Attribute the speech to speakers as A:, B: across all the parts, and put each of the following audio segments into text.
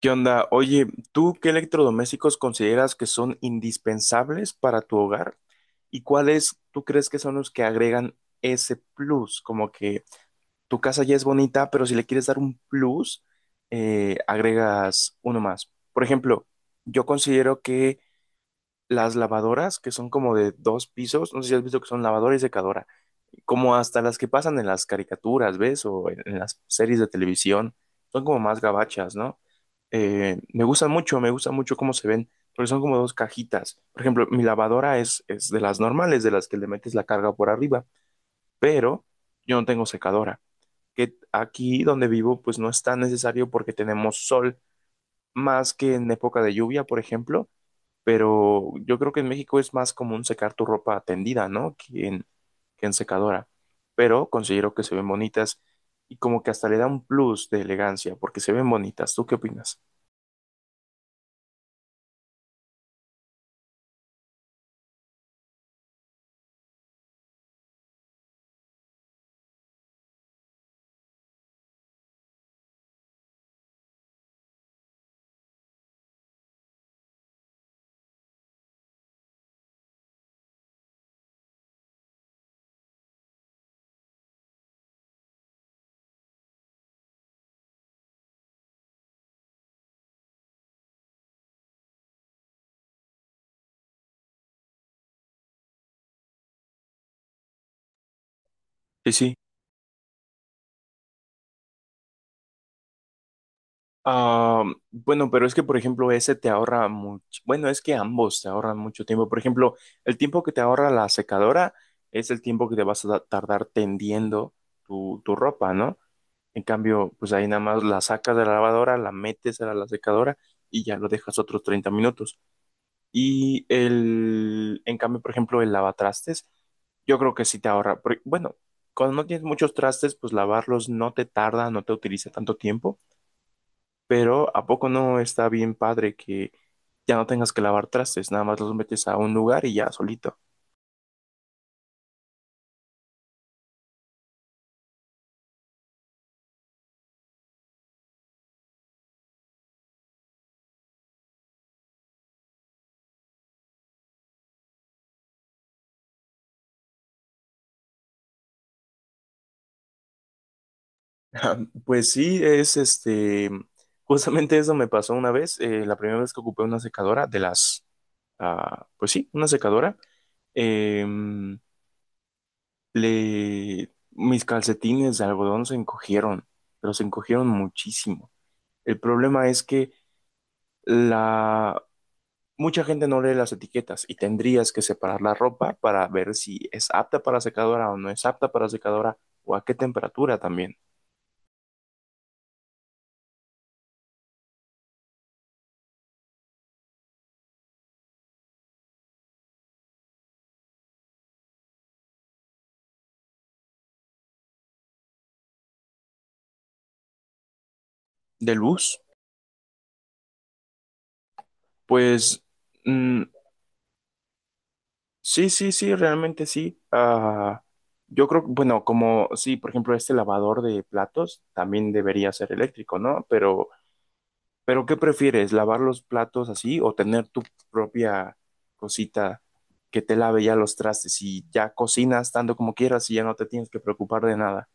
A: ¿Qué onda? Oye, ¿tú qué electrodomésticos consideras que son indispensables para tu hogar? ¿Y cuáles tú crees que son los que agregan ese plus? Como que tu casa ya es bonita, pero si le quieres dar un plus, agregas uno más. Por ejemplo, yo considero que las lavadoras que son como de dos pisos, no sé si has visto que son lavadora y secadora, como hasta las que pasan en las caricaturas, ¿ves? O en las series de televisión, son como más gabachas, ¿no? Me gustan mucho, me gusta mucho cómo se ven, porque son como dos cajitas. Por ejemplo, mi lavadora es de las normales, de las que le metes la carga por arriba, pero yo no tengo secadora, que aquí donde vivo pues no es tan necesario porque tenemos sol, más que en época de lluvia, por ejemplo pero yo creo que en México es más común secar tu ropa tendida, ¿no? Que en secadora, pero considero que se ven bonitas y como que hasta le da un plus de elegancia porque se ven bonitas. ¿Tú qué opinas? Sí, sí. Ah, bueno, pero es que, por ejemplo, ese te ahorra mucho. Bueno, es que ambos te ahorran mucho tiempo. Por ejemplo, el tiempo que te ahorra la secadora es el tiempo que te vas a tardar tendiendo tu ropa, ¿no? En cambio, pues ahí nada más la sacas de la lavadora, la metes a la secadora y ya lo dejas otros 30 minutos. En cambio, por ejemplo, el lavatrastes, yo creo que sí te ahorra. Bueno, cuando no tienes muchos trastes, pues lavarlos no te tarda, no te utiliza tanto tiempo, pero ¿a poco no está bien padre que ya no tengas que lavar trastes? Nada más los metes a un lugar y ya solito. Ah, pues sí, es este, justamente eso me pasó una vez, la primera vez que ocupé una secadora de las, ah, pues sí, una secadora, em, mis calcetines de algodón se encogieron, pero se encogieron muchísimo. El problema es que la, mucha gente no lee las etiquetas y tendrías que separar la ropa para ver si es apta para secadora o no es apta para secadora o a qué temperatura también de luz, pues... mm, sí, sí, sí, realmente sí. Ah, yo creo, bueno, como sí, por ejemplo, este lavador de platos también debería ser eléctrico, ¿no? Pero ¿qué prefieres? ¿Lavar los platos así o tener tu propia cosita que te lave ya los trastes y ya cocinas tanto como quieras y ya no te tienes que preocupar de nada?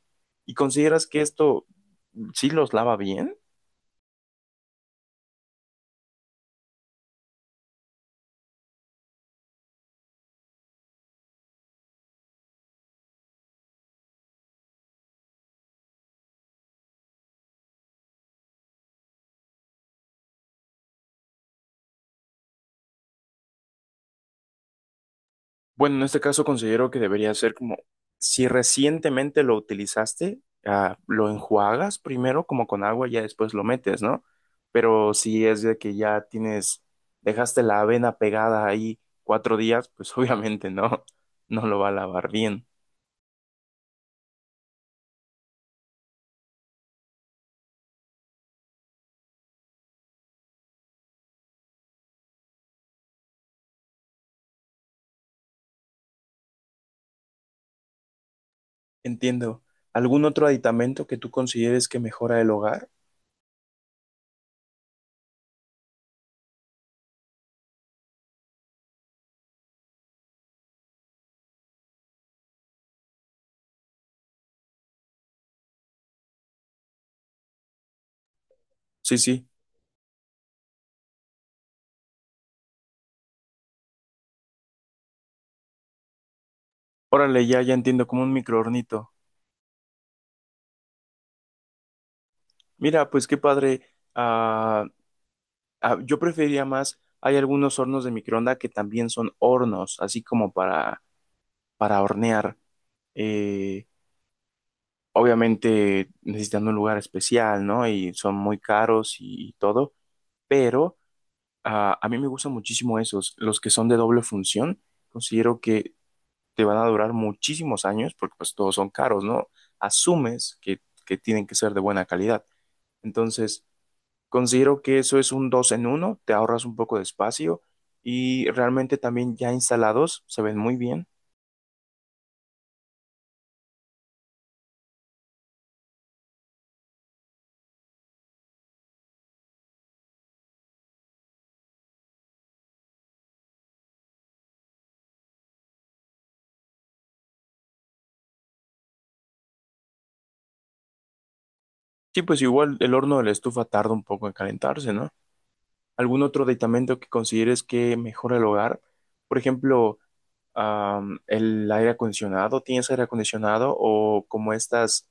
A: ¿Y consideras que esto sí los lava bien? Bueno, en este caso considero que debería ser como, si recientemente lo utilizaste, ah, lo enjuagas primero como con agua y ya después lo metes, ¿no? Pero si es de que ya tienes, dejaste la avena pegada ahí 4 días, pues obviamente no, no lo va a lavar bien. Entiendo. ¿Algún otro aditamento que tú consideres que mejora el hogar? Sí, sí. Órale, ya, ya entiendo, como un microornito. Mira, pues qué padre. Ah, ah, yo preferiría más, hay algunos hornos de microonda que también son hornos, así como para hornear. Eh, obviamente necesitan un lugar especial, ¿no? Y son muy caros y todo, pero ah, a mí me gustan muchísimo esos, los que son de doble función, considero que te van a durar muchísimos años porque pues todos son caros, ¿no? Asumes que, que tienen que ser de buena calidad. Entonces... Considero que eso es un dos en uno, te ahorras un poco de espacio y realmente también ya instalados se ven muy bien. Sí, pues igual el horno de la estufa tarda un poco en calentarse, ¿no? ¿Algún otro aditamento que consideres que mejora el hogar? Por ejemplo, el aire acondicionado, ¿tienes aire acondicionado o como estas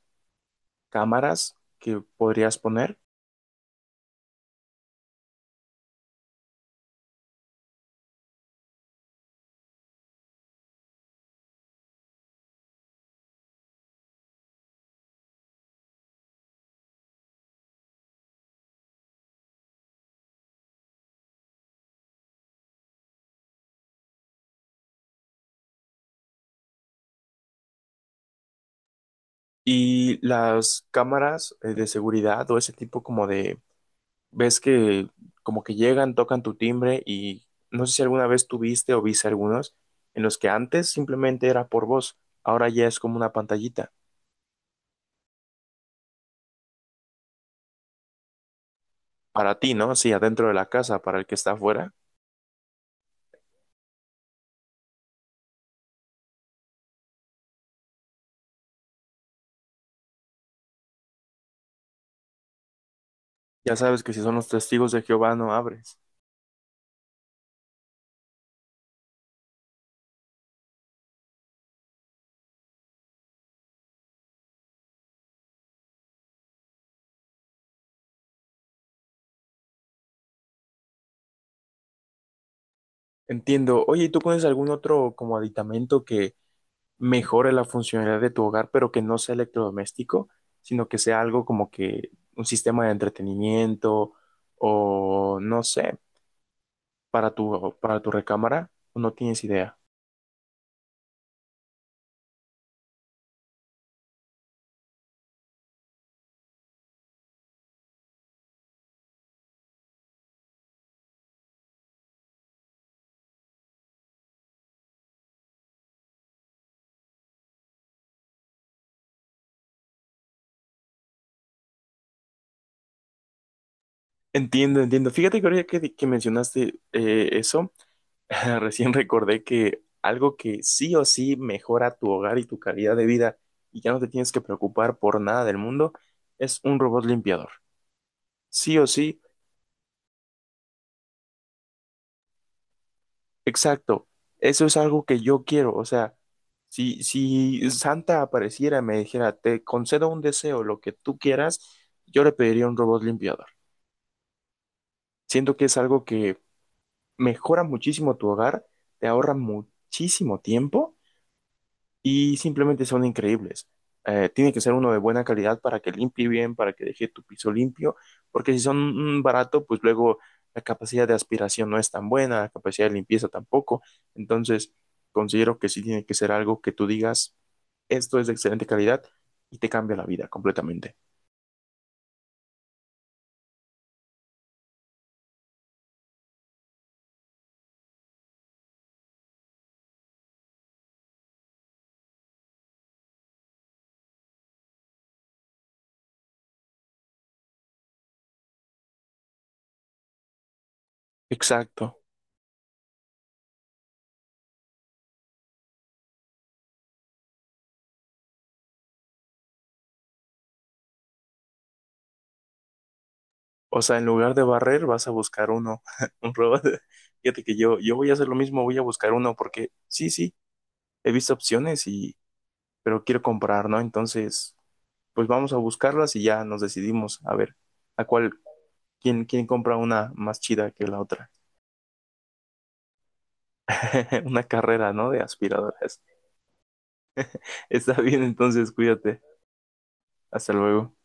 A: cámaras que podrías poner? Y las cámaras de seguridad o ese tipo como de ves que como que llegan, tocan tu timbre y no sé si alguna vez tuviste o viste algunos en los que antes simplemente era por voz, ahora ya es como una pantallita. Para ti, ¿no? Sí, adentro de la casa, para el que está afuera. Ya sabes que si son los testigos de Jehová no abres. Entiendo. Oye, ¿y tú pones algún otro como aditamento que mejore la funcionalidad de tu hogar, pero que no sea electrodoméstico, sino que sea algo como que un sistema de entretenimiento o no sé, para tu recámara, no tienes idea. Entiendo, entiendo. Fíjate que ahorita que mencionaste eso, recién recordé que algo que sí o sí mejora tu hogar y tu calidad de vida y ya no te tienes que preocupar por nada del mundo es un robot limpiador. Sí o sí, exacto. Eso es algo que yo quiero. O sea, si Santa apareciera y me dijera, te concedo un deseo, lo que tú quieras, yo le pediría un robot limpiador. Siento que es algo que mejoran muchísimo tu hogar, te ahorran muchísimo tiempo y simplemente son increíbles. Tiene que ser uno de buena calidad para que limpie bien, para que deje tu piso limpio, porque si son barato, pues luego la capacidad de aspiración no es tan buena, la capacidad de limpieza tampoco. Entonces, considero que sí tiene que ser algo que tú digas, esto es de excelente calidad y te cambia la vida completamente. Exacto. O sea, en lugar de barrer, vas a buscar uno, un robot. Fíjate que yo voy a hacer lo mismo, voy a buscar uno, porque sí, sí, he visto opciones y, pero quiero comprar, ¿no? Entonces, pues vamos a buscarlas y ya nos decidimos a ver a cuál, quién compra una más chida que la otra. Una carrera, ¿no? De aspiradoras. Está bien, entonces, cuídate. Hasta luego.